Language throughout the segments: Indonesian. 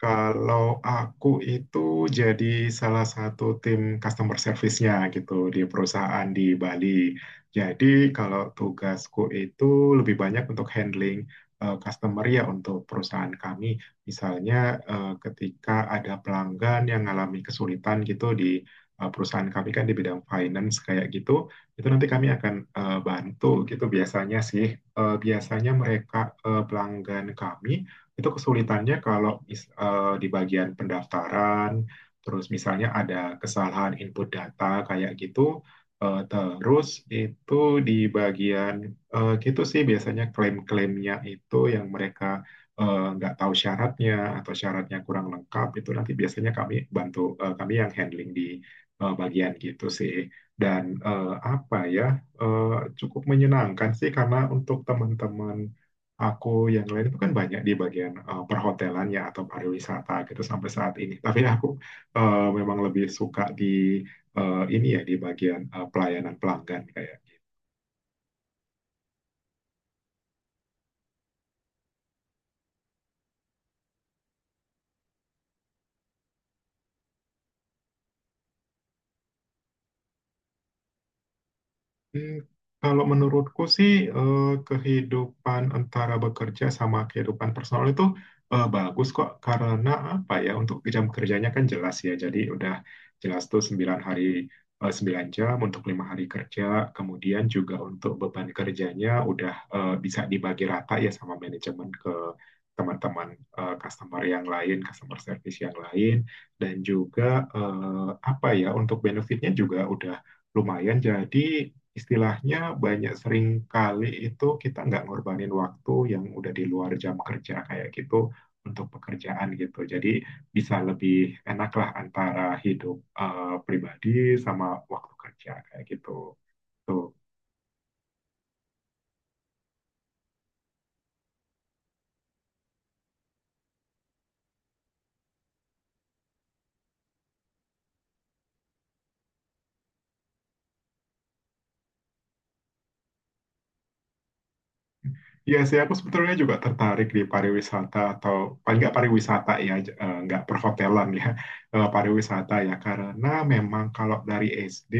Kalau aku itu jadi salah satu tim customer service-nya gitu di perusahaan di Bali. Jadi kalau tugasku itu lebih banyak untuk handling customer ya untuk perusahaan kami. Misalnya ketika ada pelanggan yang mengalami kesulitan gitu di perusahaan kami kan di bidang finance kayak gitu, itu nanti kami akan bantu gitu biasanya sih. Biasanya mereka pelanggan kami itu kesulitannya kalau di bagian pendaftaran, terus misalnya ada kesalahan input data kayak gitu, terus itu di bagian gitu sih biasanya klaim-klaimnya itu yang mereka nggak tahu syaratnya atau syaratnya kurang lengkap itu nanti biasanya kami bantu, kami yang handling di bagian gitu sih. Dan apa ya, eh, cukup menyenangkan sih karena untuk teman-teman aku yang lain itu kan banyak di bagian perhotelan ya atau pariwisata gitu sampai saat ini. Tapi aku memang lebih suka di ini ya di bagian pelayanan pelanggan kayak. Hmm, Kalau menurutku sih eh, kehidupan antara bekerja sama kehidupan personal itu bagus kok, karena apa ya, untuk jam kerjanya kan jelas ya, jadi udah jelas tuh 9 jam untuk 5 hari kerja, kemudian juga untuk beban kerjanya udah bisa dibagi rata ya sama manajemen ke teman-teman, customer service yang lain, dan juga apa ya, untuk benefitnya juga udah lumayan, jadi istilahnya sering kali itu kita nggak ngorbanin waktu yang udah di luar jam kerja kayak gitu untuk pekerjaan gitu. Jadi bisa lebih enak lah antara hidup pribadi sama waktu kerja kayak gitu. Tuh. Iya sih, aku sebetulnya juga tertarik di pariwisata, atau paling nggak pariwisata ya, nggak perhotelan ya, pariwisata ya. Karena memang kalau dari SD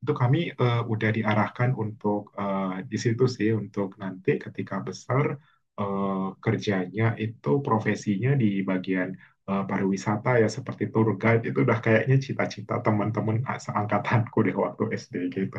itu kami udah diarahkan untuk di situ sih, untuk nanti ketika besar eh, kerjanya itu profesinya di bagian pariwisata ya, seperti tour guide itu udah kayaknya cita-cita teman-teman seangkatanku deh waktu SD gitu.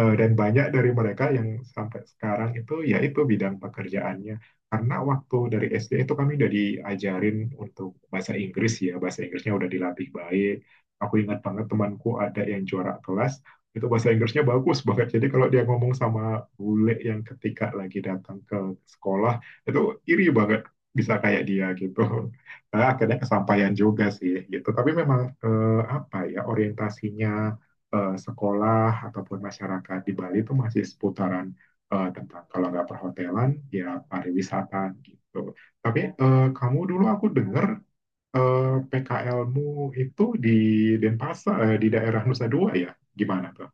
Dan banyak dari mereka yang sampai sekarang itu ya itu bidang pekerjaannya. Karena waktu dari SD itu kami udah diajarin untuk bahasa Inggris ya, bahasa Inggrisnya udah dilatih baik. Aku ingat banget temanku ada yang juara kelas, itu bahasa Inggrisnya bagus banget. Jadi kalau dia ngomong sama bule yang ketika lagi datang ke sekolah, itu iri banget bisa kayak dia gitu. Nah, akhirnya kesampaian juga sih gitu. Tapi memang apa ya, orientasinya sekolah ataupun masyarakat di Bali itu masih seputaran tentang kalau nggak perhotelan ya pariwisata gitu. Tapi kamu dulu aku dengar eh, PKLmu itu di Denpasar, di daerah Nusa Dua ya? Gimana tuh?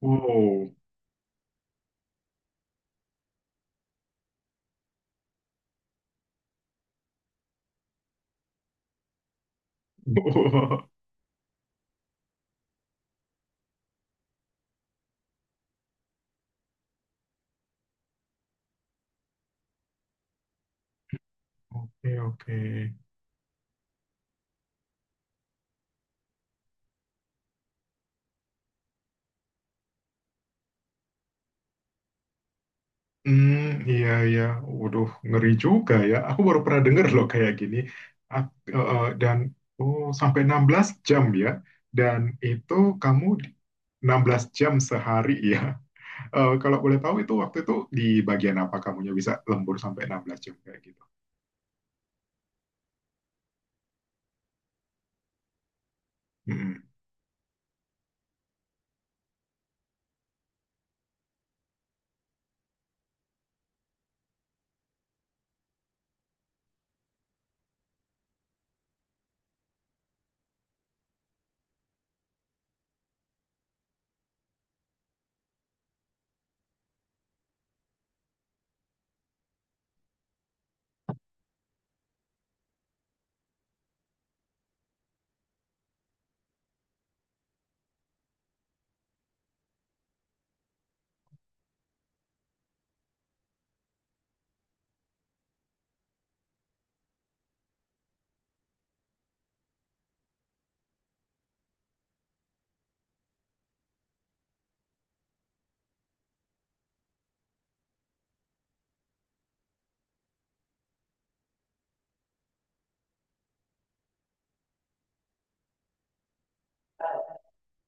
Wow. Oke, oke. Hmm, iya iya, waduh ngeri juga ya. Aku baru pernah dengar loh kayak gini. Dan oh, sampai 16 jam ya. Dan itu kamu 16 jam sehari ya. Kalau boleh tahu itu waktu itu di bagian apa kamunya bisa lembur sampai 16 jam kayak gitu. Mm-mm.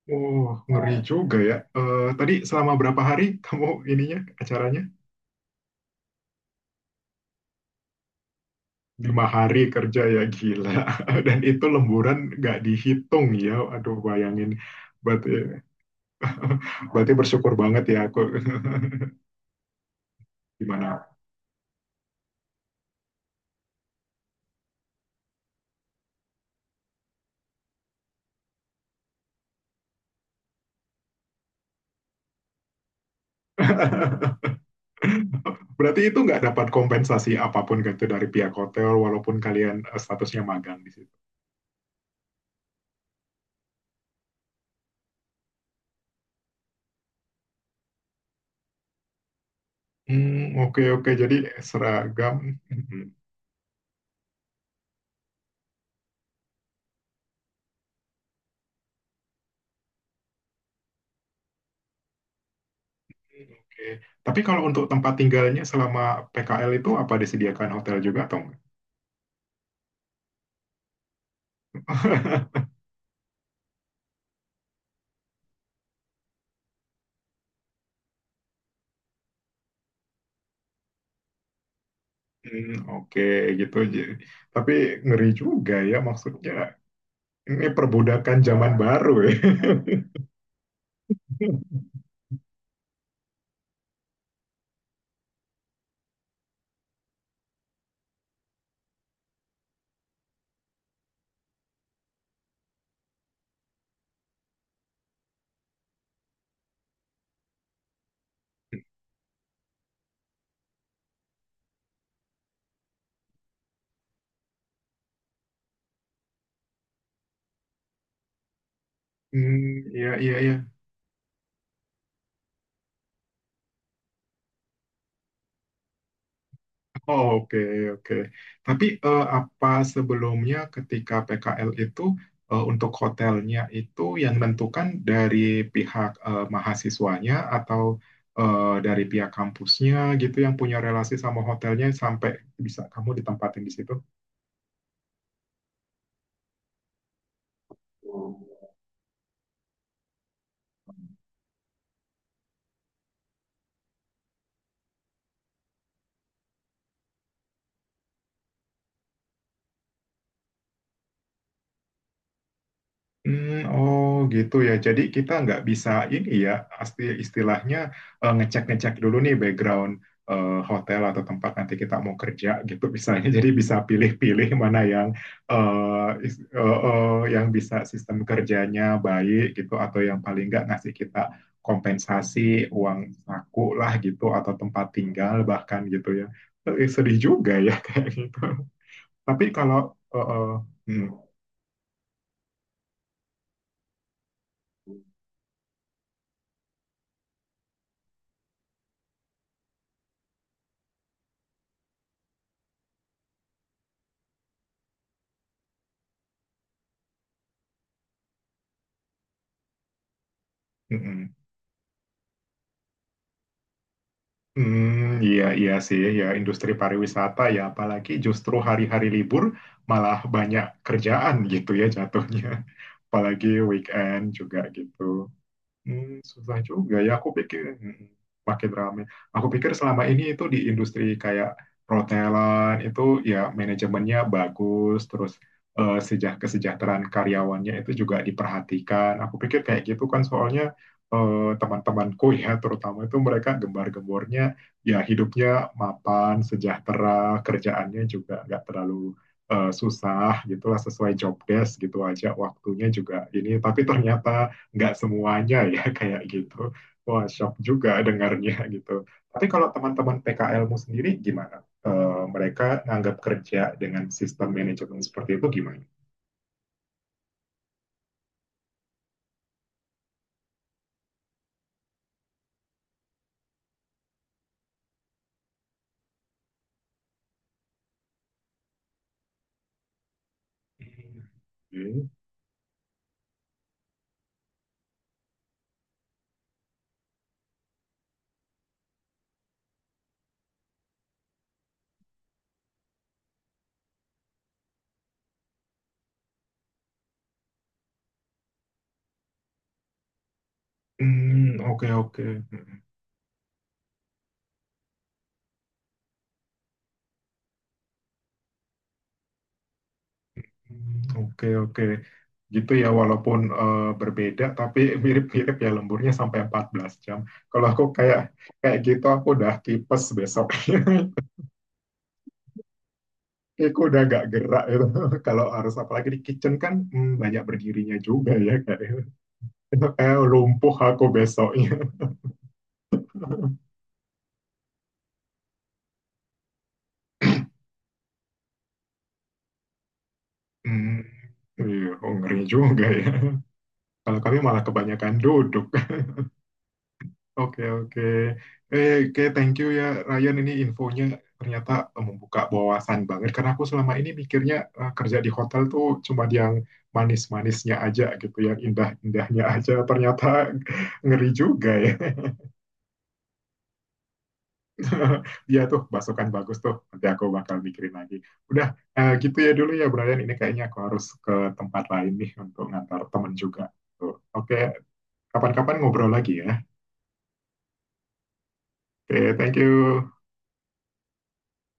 Oh, ngeri, nah, juga ya. Tadi selama berapa hari kamu ininya acaranya? 5 hari kerja ya, gila. Dan itu lemburan nggak dihitung ya. Aduh, bayangin. Berarti berarti bersyukur banget ya aku. Gimana? Berarti itu nggak dapat kompensasi apapun gitu dari pihak hotel walaupun kalian statusnya magang di situ. Hmm, oke, oke. Jadi seragam. Hmm, oke. Tapi kalau untuk tempat tinggalnya selama PKL itu apa disediakan hotel juga atau nggak? Hmm, oke gitu. Tapi ngeri juga ya maksudnya. Ini perbudakan zaman baru ya. Hmm, iya, iya, iya. Oh, oke, oke. Tapi apa sebelumnya ketika PKL itu untuk hotelnya itu yang menentukan dari pihak mahasiswanya atau dari pihak kampusnya gitu yang punya relasi sama hotelnya sampai bisa kamu ditempatin di situ? Hmm, oh gitu ya. Jadi kita nggak bisa ini ya, pasti istilahnya ngecek-ngecek dulu nih background hotel atau tempat nanti kita mau kerja gitu misalnya. Jadi bisa pilih-pilih mana yang eh, is- eh, eh, yang bisa sistem kerjanya baik gitu, atau yang paling nggak ngasih kita kompensasi uang saku lah gitu, atau tempat tinggal bahkan gitu ya. Sedih juga ya kayak gitu. Tapi kalau eh, eh, hmm, Mm-mm. Hmm, iya iya sih ya, industri pariwisata ya, apalagi justru hari-hari libur malah banyak kerjaan gitu ya jatuhnya, apalagi weekend juga gitu. Hmm, susah juga ya. Aku pikir, makin ramai. Aku pikir selama ini itu di industri kayak perhotelan itu ya manajemennya bagus, terus eh, sejah kesejahteraan karyawannya itu juga diperhatikan. Aku pikir kayak gitu kan, soalnya teman-temanku ya terutama itu mereka gembar-gembornya ya hidupnya mapan, sejahtera, kerjaannya juga nggak terlalu susah gitulah, sesuai job desk gitu aja, waktunya juga ini, tapi ternyata nggak semuanya ya kayak gitu. Wah, shock juga dengarnya gitu. Tapi kalau teman-teman PKLmu sendiri gimana? Eh, Mereka nganggap kerja dengan sistem manajemen seperti itu gimana? Hmm, oke. Hmm, oke, oke. Hmm, oke, oke. Gitu ya, walaupun berbeda tapi mirip-mirip ya lemburnya sampai 14 jam. Kalau aku kayak kayak gitu aku udah tipes besok. Kayak udah agak gerak itu. Kalau harus apalagi di kitchen kan, banyak berdirinya juga ya kayak gitu. Lumpuh aku besoknya. Hmm, iya, oh, ngeri juga ya. Kalau kami malah kebanyakan duduk. Oke, oke. Oke, thank you ya Ryan, ini infonya ternyata membuka wawasan banget, karena aku selama ini mikirnya kerja di hotel tuh cuma yang manis-manisnya aja gitu, yang indah-indahnya aja. Ternyata ngeri juga ya. Iya tuh masukan bagus tuh. Nanti aku bakal mikirin lagi. Udah gitu ya dulu ya Brian. Ini kayaknya aku harus ke tempat lain nih untuk ngantar temen juga. Tuh. Oke, kapan-kapan ngobrol lagi ya. Oke, thank you.